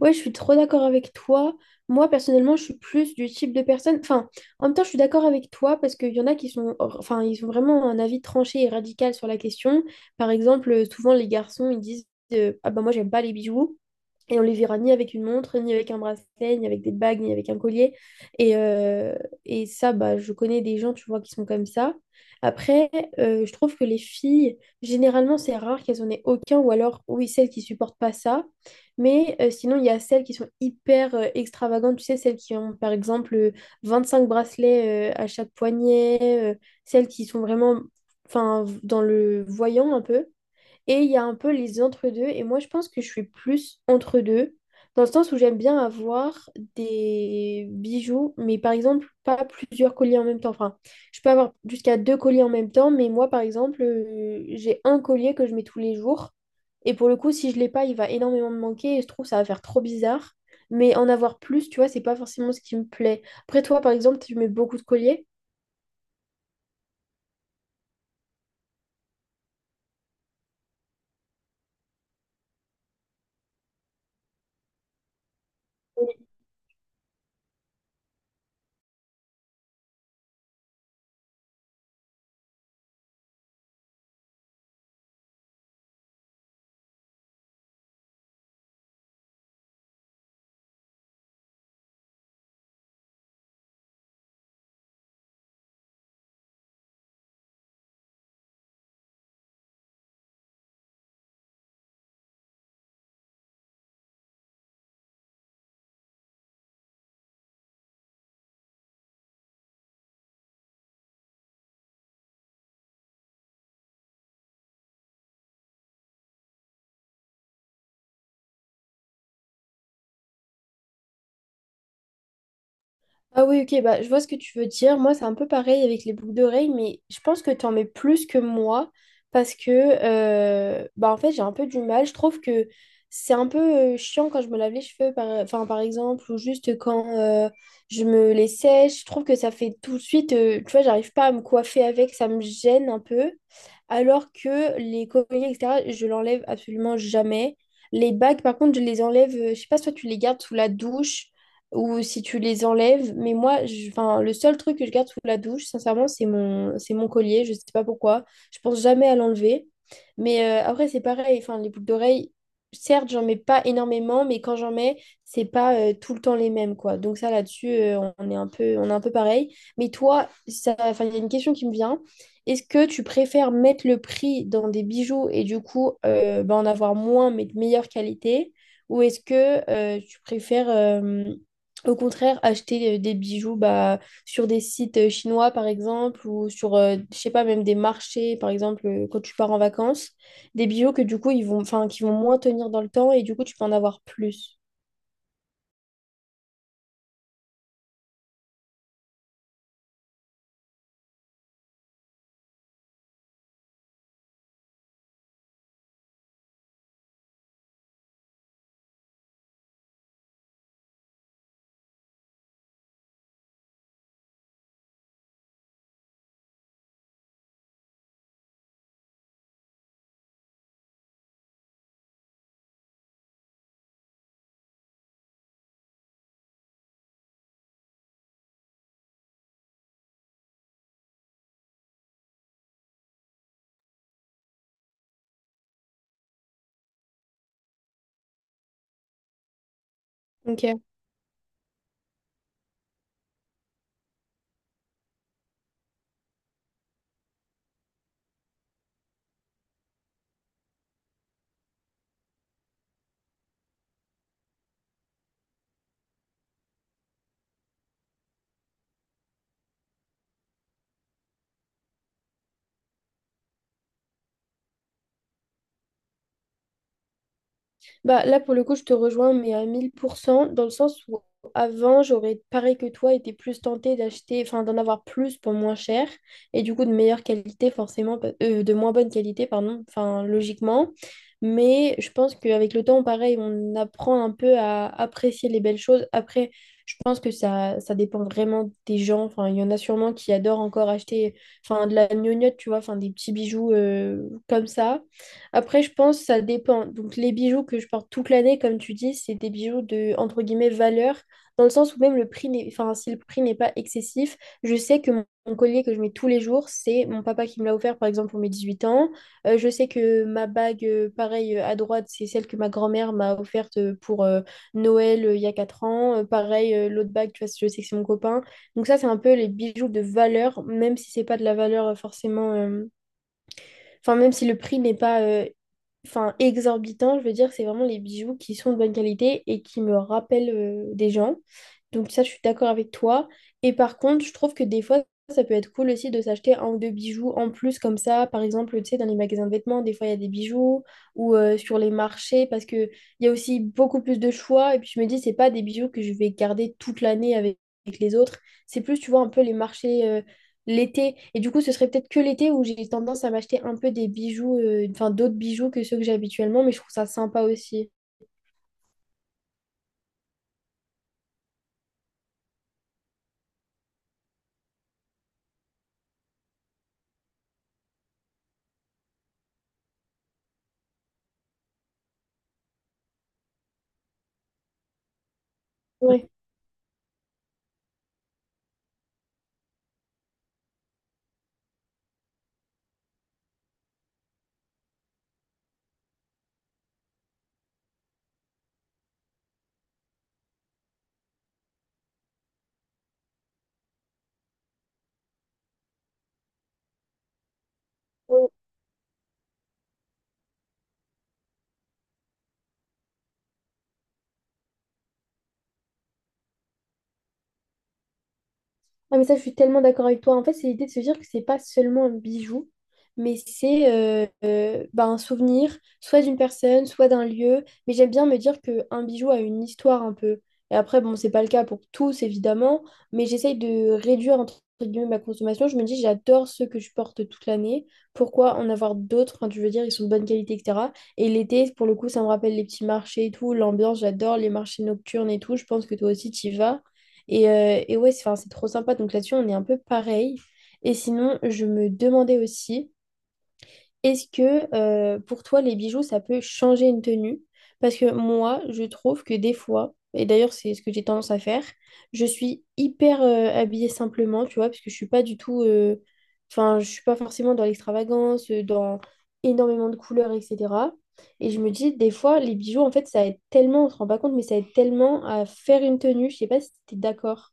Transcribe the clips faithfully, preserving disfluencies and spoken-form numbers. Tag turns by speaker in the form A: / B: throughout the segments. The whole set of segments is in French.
A: Ouais, je suis trop d'accord avec toi. Moi, personnellement, je suis plus du type de personne. Enfin, en même temps, je suis d'accord avec toi parce qu'il y en a qui sont, enfin, ils ont vraiment un avis tranché et radical sur la question. Par exemple, euh, souvent, les garçons, ils disent euh, Ah ben, moi, j'aime pas les bijoux. Et on les verra ni avec une montre, ni avec un bracelet, ni avec des bagues, ni avec un collier. Et, euh, et ça, bah, je connais des gens, tu vois, qui sont comme ça. Après, euh, je trouve que les filles, généralement, c'est rare qu'elles en aient aucun, ou alors, oui, celles qui supportent pas ça. Mais euh, sinon, il y a celles qui sont hyper euh, extravagantes, tu sais, celles qui ont, par exemple, euh, vingt-cinq bracelets euh, à chaque poignet, euh, celles qui sont vraiment, enfin, dans le voyant un peu. Et il y a un peu les entre-deux. Et moi, je pense que je suis plus entre-deux, dans le sens où j'aime bien avoir des bijoux, mais par exemple, pas plusieurs colliers en même temps. Enfin, je peux avoir jusqu'à deux colliers en même temps, mais moi, par exemple, euh, j'ai un collier que je mets tous les jours. Et pour le coup, si je l'ai pas, il va énormément me manquer. Et je trouve que ça va faire trop bizarre. Mais en avoir plus, tu vois, c'est pas forcément ce qui me plaît. Après, toi, par exemple, tu mets beaucoup de colliers. Ah oui, ok, bah, je vois ce que tu veux dire. Moi, c'est un peu pareil avec les boucles d'oreilles, mais je pense que tu en mets plus que moi parce que, euh, bah, en fait, j'ai un peu du mal. Je trouve que c'est un peu euh, chiant quand je me lave les cheveux, par, enfin, par exemple, ou juste quand euh, je me les sèche. Je trouve que ça fait tout de suite, euh, tu vois, j'arrive pas à me coiffer avec, ça me gêne un peu. Alors que les colliers, et cætera, je l'enlève absolument jamais. Les bagues, par contre, je les enlève, euh, je sais pas, soit tu les gardes sous la douche ou si tu les enlèves. Mais moi, je- enfin, le seul truc que je garde sous la douche, sincèrement, c'est mon, c'est mon collier. Je sais pas pourquoi. Je pense jamais à l'enlever. Mais euh, après, c'est pareil. Enfin, les boucles d'oreilles, certes, j'en mets pas énormément, mais quand j'en mets, c'est pas euh, tout le temps les mêmes, quoi. Donc ça, là-dessus, euh, on est un peu, on est un peu pareil. Mais toi, ça, enfin, il y a une question qui me vient. Est-ce que tu préfères mettre le prix dans des bijoux et du coup, euh, ben, en avoir moins mais de meilleure qualité? Ou est-ce que euh, tu préfères euh, au contraire, acheter euh, des bijoux bah, sur des sites euh, chinois, par exemple, ou sur, euh, je sais pas, même des marchés, par exemple, euh, quand tu pars en vacances, des bijoux que du coup, ils vont, enfin, qui vont moins tenir dans le temps et du coup, tu peux en avoir plus. Ok. Bah, là, pour le coup, je te rejoins, mais à mille pour cent dans le sens où avant, j'aurais, pareil que toi, été plus tentée d'acheter, enfin, d'en avoir plus pour moins cher, et du coup, de meilleure qualité, forcément, pa- euh, de moins bonne qualité, pardon, enfin, logiquement. Mais je pense qu'avec le temps, pareil, on apprend un peu à apprécier les belles choses. Après, pense que ça, ça dépend vraiment des gens. Enfin, il y en a sûrement qui adorent encore acheter enfin, de la gnognotte, tu vois, enfin, des petits bijoux euh, comme ça. Après, je pense que ça dépend. Donc, les bijoux que je porte toute l'année, comme tu dis, c'est des bijoux de, entre guillemets, valeur, dans le sens où même le prix n'est, enfin, si le prix n'est pas excessif, je sais que mon, mon collier que je mets tous les jours, c'est mon papa qui me l'a offert, par exemple, pour mes dix-huit ans. Euh, je sais que ma bague, euh, pareil, euh, à droite, c'est celle que ma grand-mère m'a offerte euh, pour... euh, Noël euh, il y a quatre ans, euh, pareil, euh, l'autre bague, tu vois, si je sais que c'est mon copain. Donc ça, c'est un peu les bijoux de valeur, même si c'est pas de la valeur euh, forcément. euh, Enfin, même si le prix n'est pas euh, enfin, exorbitant, je veux dire, c'est vraiment les bijoux qui sont de bonne qualité et qui me rappellent euh, des gens. Donc ça, je suis d'accord avec toi. Et par contre, je trouve que des fois, ça peut être cool aussi de s'acheter un ou deux bijoux en plus comme ça. Par exemple, tu sais, dans les magasins de vêtements, des fois, il y a des bijoux ou euh, sur les marchés parce que il y a aussi beaucoup plus de choix. Et puis je me dis, c'est pas des bijoux que je vais garder toute l'année avec, avec les autres. C'est plus, tu vois, un peu les marchés, euh, l'été. Et du coup, ce serait peut-être que l'été où j'ai tendance à m'acheter un peu des bijoux, euh, enfin d'autres bijoux que ceux que j'ai habituellement, mais je trouve ça sympa aussi. Ouais. Ah mais ça, je suis tellement d'accord avec toi. En fait, c'est l'idée de se dire que c'est pas seulement un bijou, mais c'est euh, euh, bah, un souvenir, soit d'une personne, soit d'un lieu. Mais j'aime bien me dire qu'un bijou a une histoire un peu. Et après, bon, c'est pas le cas pour tous, évidemment, mais j'essaye de réduire, entre guillemets, ma consommation. Je me dis, j'adore ceux que je porte toute l'année. Pourquoi en avoir d'autres? Enfin, je veux dire, ils sont de bonne qualité, et cætera. Et l'été, pour le coup, ça me rappelle les petits marchés et tout, l'ambiance, j'adore les marchés nocturnes et tout. Je pense que toi aussi, tu y vas. Et, euh, et ouais, c'est 'fin, c'est trop sympa. Donc là-dessus, on est un peu pareil. Et sinon, je me demandais aussi, est-ce que euh, pour toi, les bijoux, ça peut changer une tenue? Parce que moi, je trouve que des fois, et d'ailleurs, c'est ce que j'ai tendance à faire, je suis hyper euh, habillée simplement, tu vois, parce que je suis pas du tout. euh, Enfin, je suis pas forcément dans l'extravagance, euh, dans énormément de couleurs, et cætera. Et je me dis, des fois, les bijoux, en fait, ça aide tellement, on se rend pas compte, mais ça aide tellement à faire une tenue. Je sais pas si t'es d'accord.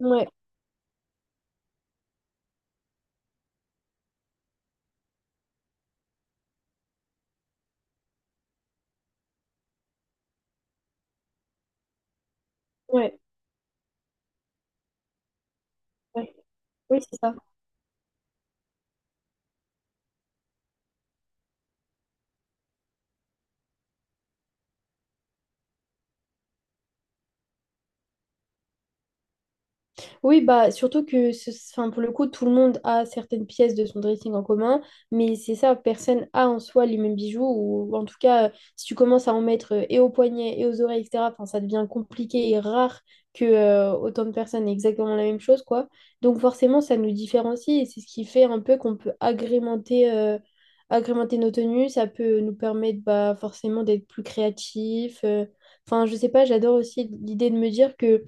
A: Ouais, ouais, ouais. Oui, c'est ça. Oui, bah, surtout que ce- enfin, pour le coup, tout le monde a certaines pièces de son dressing en commun, mais c'est ça, personne a en soi les mêmes bijoux, ou en tout cas, euh, si tu commences à en mettre euh, et aux poignets et aux oreilles, et cætera, enfin, ça devient compliqué et rare que euh, autant de personnes aient exactement la même chose, quoi. Donc forcément, ça nous différencie et c'est ce qui fait un peu qu'on peut agrémenter, euh, agrémenter nos tenues, ça peut nous permettre bah, forcément d'être plus créatifs. euh. Enfin, je sais pas, j'adore aussi l'idée de me dire que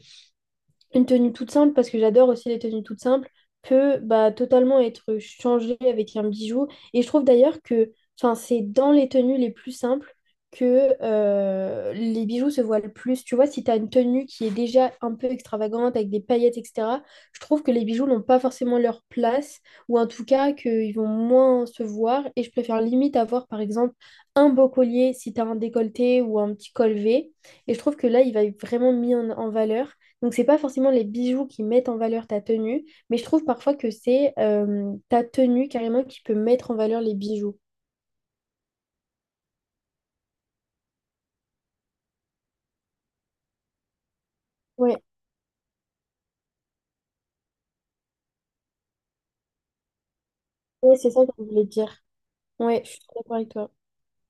A: une tenue toute simple, parce que j'adore aussi les tenues toutes simples, peut bah, totalement être changée avec un bijou. Et je trouve d'ailleurs que enfin, c'est dans les tenues les plus simples que euh, les bijoux se voient le plus. Tu vois, si tu as une tenue qui est déjà un peu extravagante, avec des paillettes, et cætera, je trouve que les bijoux n'ont pas forcément leur place, ou en tout cas qu'ils vont moins se voir. Et je préfère limite avoir, par exemple, un beau collier si tu as un décolleté ou un petit col V. Et je trouve que là, il va être vraiment mis en en valeur. Donc, c'est pas forcément les bijoux qui mettent en valeur ta tenue, mais je trouve parfois que c'est euh, ta tenue carrément qui peut mettre en valeur les bijoux. Ouais, ouais, c'est ça que je voulais dire. Ouais, je suis d'accord avec toi.